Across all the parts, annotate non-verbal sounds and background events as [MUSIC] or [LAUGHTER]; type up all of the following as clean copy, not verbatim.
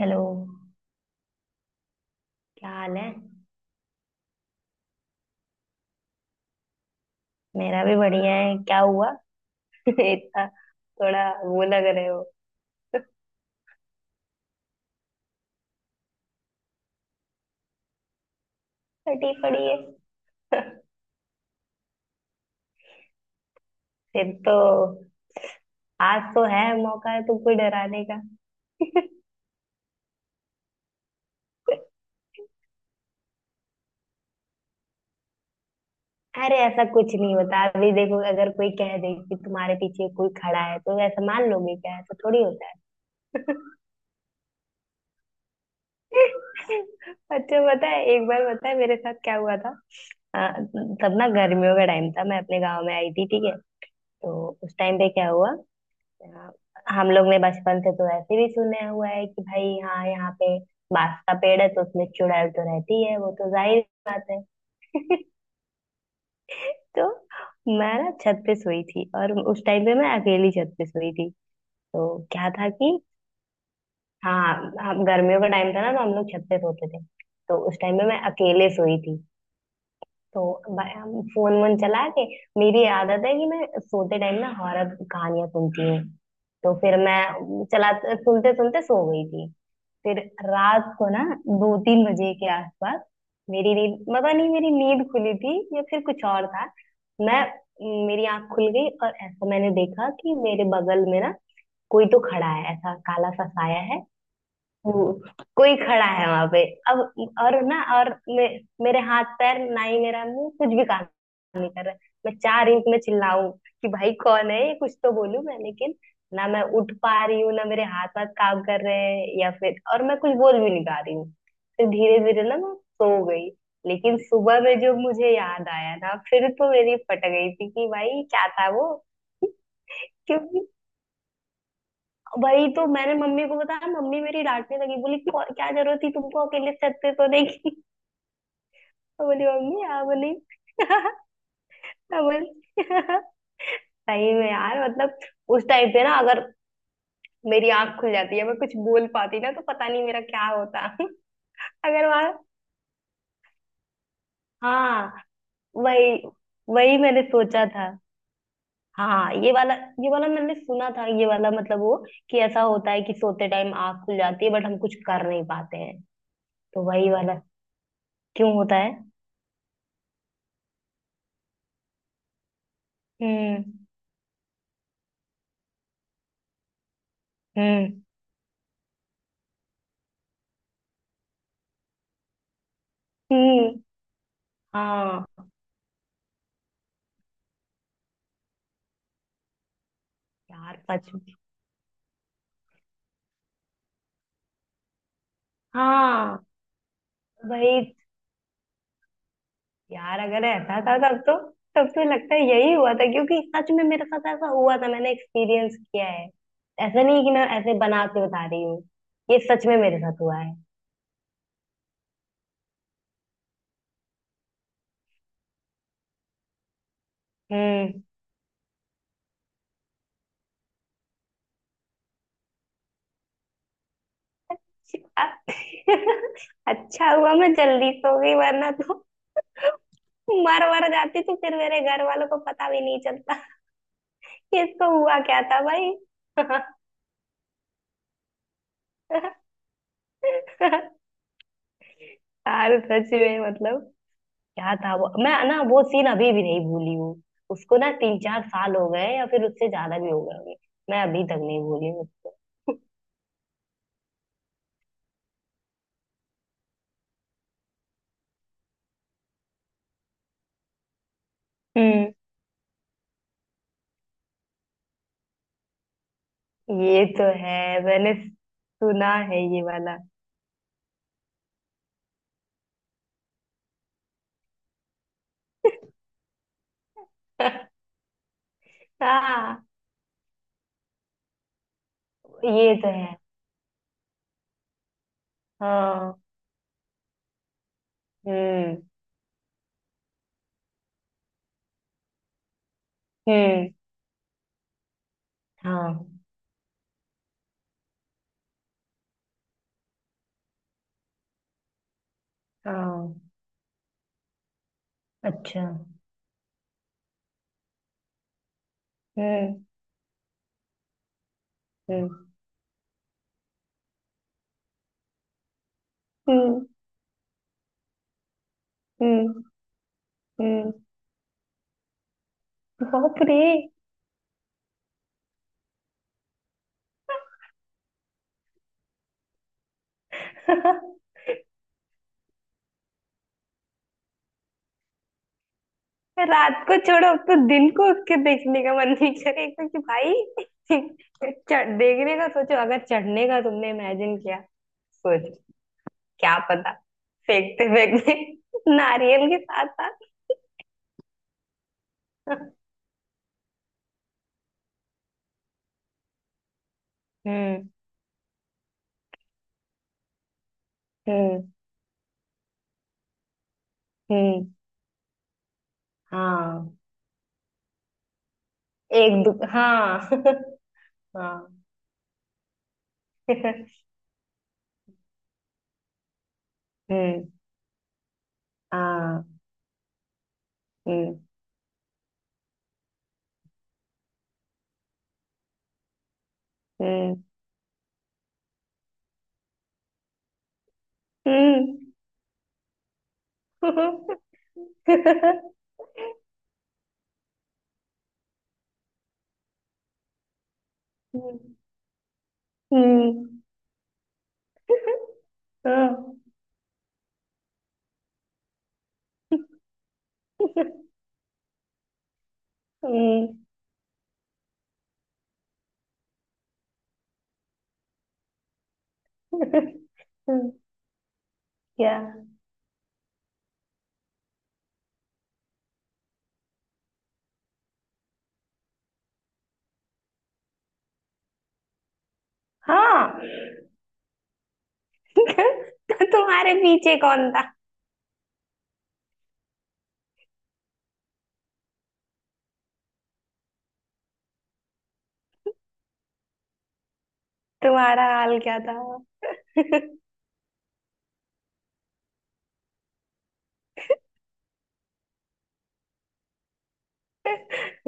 Hello. क्या हाल है? मेरा भी बढ़िया है। क्या हुआ? [LAUGHS] इतना थोड़ा वो लग रहे हो। फटी पड़ी है। [LAUGHS] फिर तो आज तो है, मौका है तुमको डराने का। [LAUGHS] अरे ऐसा कुछ नहीं होता। अभी देखो, अगर कोई कह दे कि तुम्हारे पीछे कोई खड़ा है तो ऐसा मान लोगे क्या? ऐसा थोड़ी होता है। [LAUGHS] अच्छा, पता है, एक बार पता है मेरे साथ क्या हुआ था। अ, तब ना गर्मियों का टाइम था, मैं अपने गांव में आई थी, ठीक है। तो उस टाइम पे क्या हुआ, हाँ, हम लोग ने बचपन से तो ऐसे भी सुने हुआ है कि भाई हाँ, यहाँ पे बांस का पेड़ है तो उसमें चुड़ैल तो रहती है, वो तो जाहिर बात है। [LAUGHS] तो मैं ना छत पे सोई थी, और उस टाइम पे मैं अकेली छत पे सोई थी। तो क्या था कि, हाँ, हम गर्मियों का टाइम था ना तो हम लोग छत पे सोते थे। तो उस टाइम पे मैं अकेले सोई थी। तो हम फोन वोन चला के, मेरी आदत है कि मैं सोते टाइम ना हॉरर कहानियां सुनती हूँ। तो फिर मैं चला सुनते सुनते सो गई थी। फिर रात को ना 2-3 बजे के आसपास, मेरी नींद पता नहीं मेरी नींद खुली थी या फिर कुछ और था। मैं मेरी आंख खुल गई और ऐसा मैंने देखा कि मेरे बगल में ना कोई तो खड़ा है, ऐसा काला सा साया है वो। कोई खड़ा है वहां पे। अब, और ना मेरे हाथ पैर, ना ही मेरा मुंह कुछ भी काम नहीं कर रहा है। मैं 4 इंच में चिल्लाऊं कि भाई कौन है ये, कुछ तो बोलूं मैं, लेकिन ना मैं उठ पा रही हूँ, ना मेरे हाथ पाथ काम कर रहे हैं या फिर, और मैं कुछ बोल भी नहीं पा रही हूँ। फिर धीरे धीरे ना मैं सो गई। लेकिन सुबह में जो मुझे याद आया ना, फिर तो मेरी फट गई थी कि भाई क्या था वो। क्योंकि वही तो मैंने मम्मी को बताया, मम्मी मेरी डांटने लगी, बोली क्या जरूरत थी तुमको अकेले छत पे सोने की।" [LAUGHS] मैं बोली मम्मी, हाँ बोली। [LAUGHS] मैं बोली। [LAUGHS] सही में यार, मतलब उस टाइम पे ना, अगर मेरी आंख खुल जाती है, मैं कुछ बोल पाती ना, तो पता नहीं मेरा क्या होता। [LAUGHS] अगर वहां, हाँ, वही वही मैंने सोचा था। हाँ, ये वाला मैंने सुना था। ये वाला मतलब वो, कि ऐसा होता है कि सोते टाइम आंख खुल जाती है बट हम कुछ कर नहीं पाते हैं। तो वही वाला। क्यों होता है? हम्म। हम्म। हम्म। हाँ। यार सच में। हाँ वही। यार अगर ऐसा था तब तो लगता है यही हुआ था। क्योंकि सच में मेरे साथ ऐसा हुआ था, मैंने एक्सपीरियंस किया है। ऐसा नहीं है कि मैं ऐसे बना के बता रही हूँ, ये सच में मेरे साथ हुआ है। हम्म। अ- [LAUGHS] अच्छा हुआ मैं जल्दी सो गई, वरना तो मर वर जाती तो फिर मेरे घर वालों को पता भी नहीं चलता [LAUGHS] कि इसको हुआ क्या था। भाई। [LAUGHS] यार सच में, मतलब क्या था वो, मैं ना वो सीन अभी भी नहीं भूली हूँ। उसको ना 3-4 साल हो गए या फिर उससे ज्यादा भी हो गए होंगे। मैं अभी तक नहीं भूली हूँ। हम्म। ये तो है। मैंने सुना है ये वाला। [LAUGHS] हाँ, ये तो है। हाँ। हम्म। हम्म। हाँ। हाँ। अच्छा। हम्म। हम्म। हम्म। हम्म। हम्म। बाप रे। [LAUGHS] रात को छोड़ो, अब तो दिन को उसके देखने का मन नहीं करेगा कि भाई चढ़ देखने का, सोचो अगर चढ़ने का तुमने इमेजिन किया, सोच, क्या पता फेंकते फेंकते [LAUGHS] नारियल के साथ साथ। हम्म। हम्म। हम्म। हाँ। एक दु हाँ। [LAUGHS] हाँ। [LAUGHS] हम्म। हाँ। हम्म। हम्म। हम्म। [LAUGHS] हम्म, हम्म, [LAUGHS] हाँ, [LAUGHS] हम्म। क्या? हाँ। [LAUGHS] तुम्हारे पीछे कौन था? तुम्हारा हाल क्या था?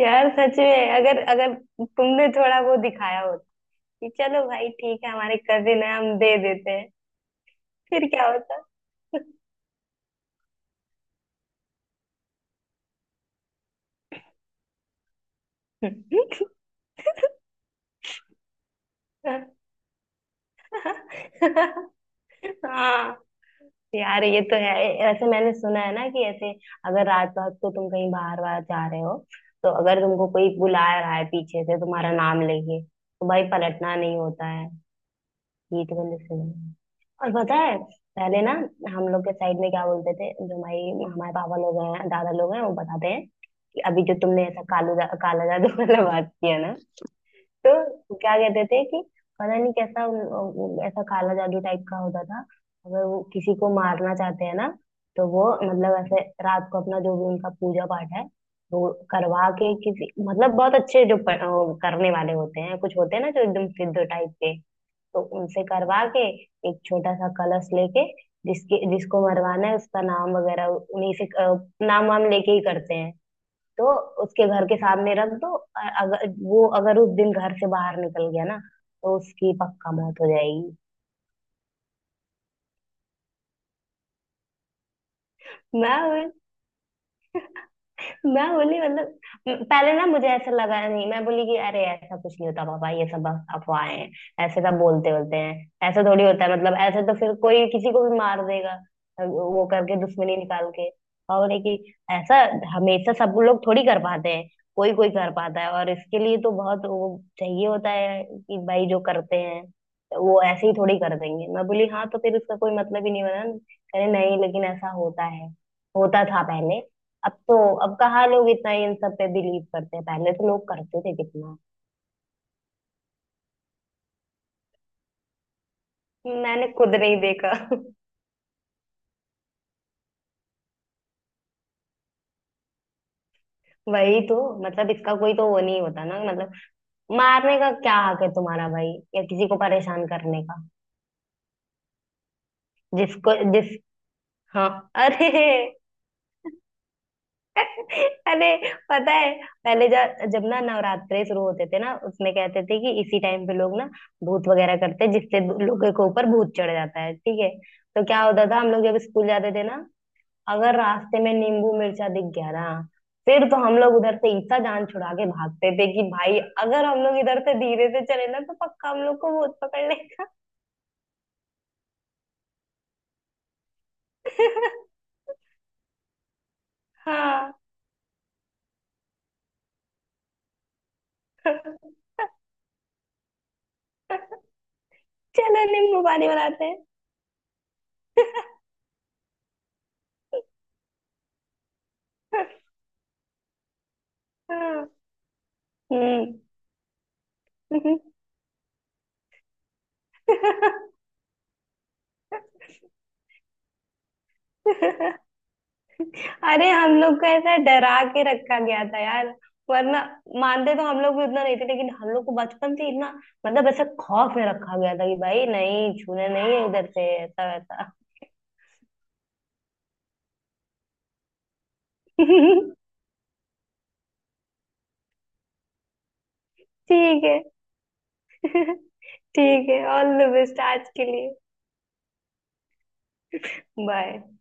यार सच में, अगर अगर तुमने थोड़ा वो दिखाया होता कि चलो भाई ठीक है हमारे कजिन है, हम दे देते हैं, फिर क्या होता? [LAUGHS] हाँ यार, ये तो है। ऐसे मैंने सुना है ना, कि ऐसे अगर रात रात को तुम कहीं बाहर बाहर जा रहे हो, तो अगर तुमको कोई बुला रहा है पीछे से तुम्हारा नाम लेके, तो भाई पलटना नहीं होता है। ये तो मैंने सुना है। और पता है, पहले ना हम लोग के साइड में क्या बोलते थे, जो हमारी हमारे पापा लोग हैं, दादा लोग हैं, वो बताते हैं कि अभी जो तुमने ऐसा काला जादू वाला बात किया ना, तो क्या कहते थे, कि पता नहीं कैसा ऐसा काला जादू टाइप का होता था। अगर वो किसी को मारना चाहते हैं ना, तो वो मतलब ऐसे रात को अपना जो भी उनका पूजा पाठ है, वो करवा के, किसी मतलब बहुत अच्छे जो वो करने वाले होते हैं, कुछ होते हैं ना जो एकदम सिद्ध टाइप के, तो उनसे करवा के, एक छोटा सा कलश लेके, जिसके जिसको मरवाना है उसका नाम वगैरह उन्हीं से, नाम वाम लेके ही करते हैं। तो उसके घर के सामने रख दो, अगर उस दिन घर से बाहर निकल गया ना, तो उसकी पक्का मौत हो जाएगी। मैं मैं बोली मतलब, पहले ना मुझे ऐसा लगा नहीं, मैं बोली कि अरे ऐसा कुछ नहीं होता पापा, ये सब बस अफवाहें हैं। ऐसे सब बोलते बोलते हैं, ऐसा थोड़ी होता है, मतलब ऐसे तो फिर कोई किसी को भी मार देगा, वो करके दुश्मनी निकाल के। और बोले कि ऐसा हमेशा सब लोग थोड़ी कर पाते हैं, कोई कोई कर पाता है, और इसके लिए तो बहुत वो चाहिए होता है कि भाई जो करते हैं, तो वो ऐसे ही थोड़ी कर देंगे। मैं बोली हाँ, तो फिर उसका कोई मतलब ही नहीं बना। कहे नहीं, लेकिन ऐसा होता है, होता था पहले। अब तो अब कहाँ लोग इतना इन सब पे बिलीव करते हैं, पहले तो लोग करते थे कितना। मैंने खुद नहीं देखा। [LAUGHS] वही तो, मतलब इसका कोई तो वो नहीं होता ना मतलब, मारने का क्या हक है तुम्हारा भाई, या किसी को परेशान करने का? जिसको जिस हाँ। अरे। [LAUGHS] अरे, पता है, पहले जब ना नवरात्रे शुरू होते थे ना, उसमें कहते थे कि इसी टाइम पे लोग ना भूत वगैरह करते हैं, जिससे लोगों के ऊपर भूत चढ़ जाता है, ठीक है। तो क्या होता था, हम लोग जब स्कूल जाते थे ना, अगर रास्ते में नींबू मिर्चा दिख गया ना, फिर तो हम लोग उधर से इतना जान छुड़ा के भागते थे कि भाई अगर हम लोग इधर से धीरे से चले ना, तो पक्का हम लोग को भूत पकड़ लेगा। [LAUGHS] हाँ। [LAUGHS] चलो नींबू पानी बनाते हैं। [LAUGHS] हाँ, हम्म। [LAUGHS] अरे हम लोग को ऐसा डरा के रखा गया था यार। वरना मानते तो हम लोग भी उतना नहीं थे, लेकिन हम लोग को बचपन से इतना, मतलब ऐसा खौफ में रखा गया था कि भाई नहीं, छूने नहीं है इधर से ऐसा वैसा। [LAUGHS] ठीक है। [LAUGHS] ठीक है, ऑल द बेस्ट आज के लिए। बाय।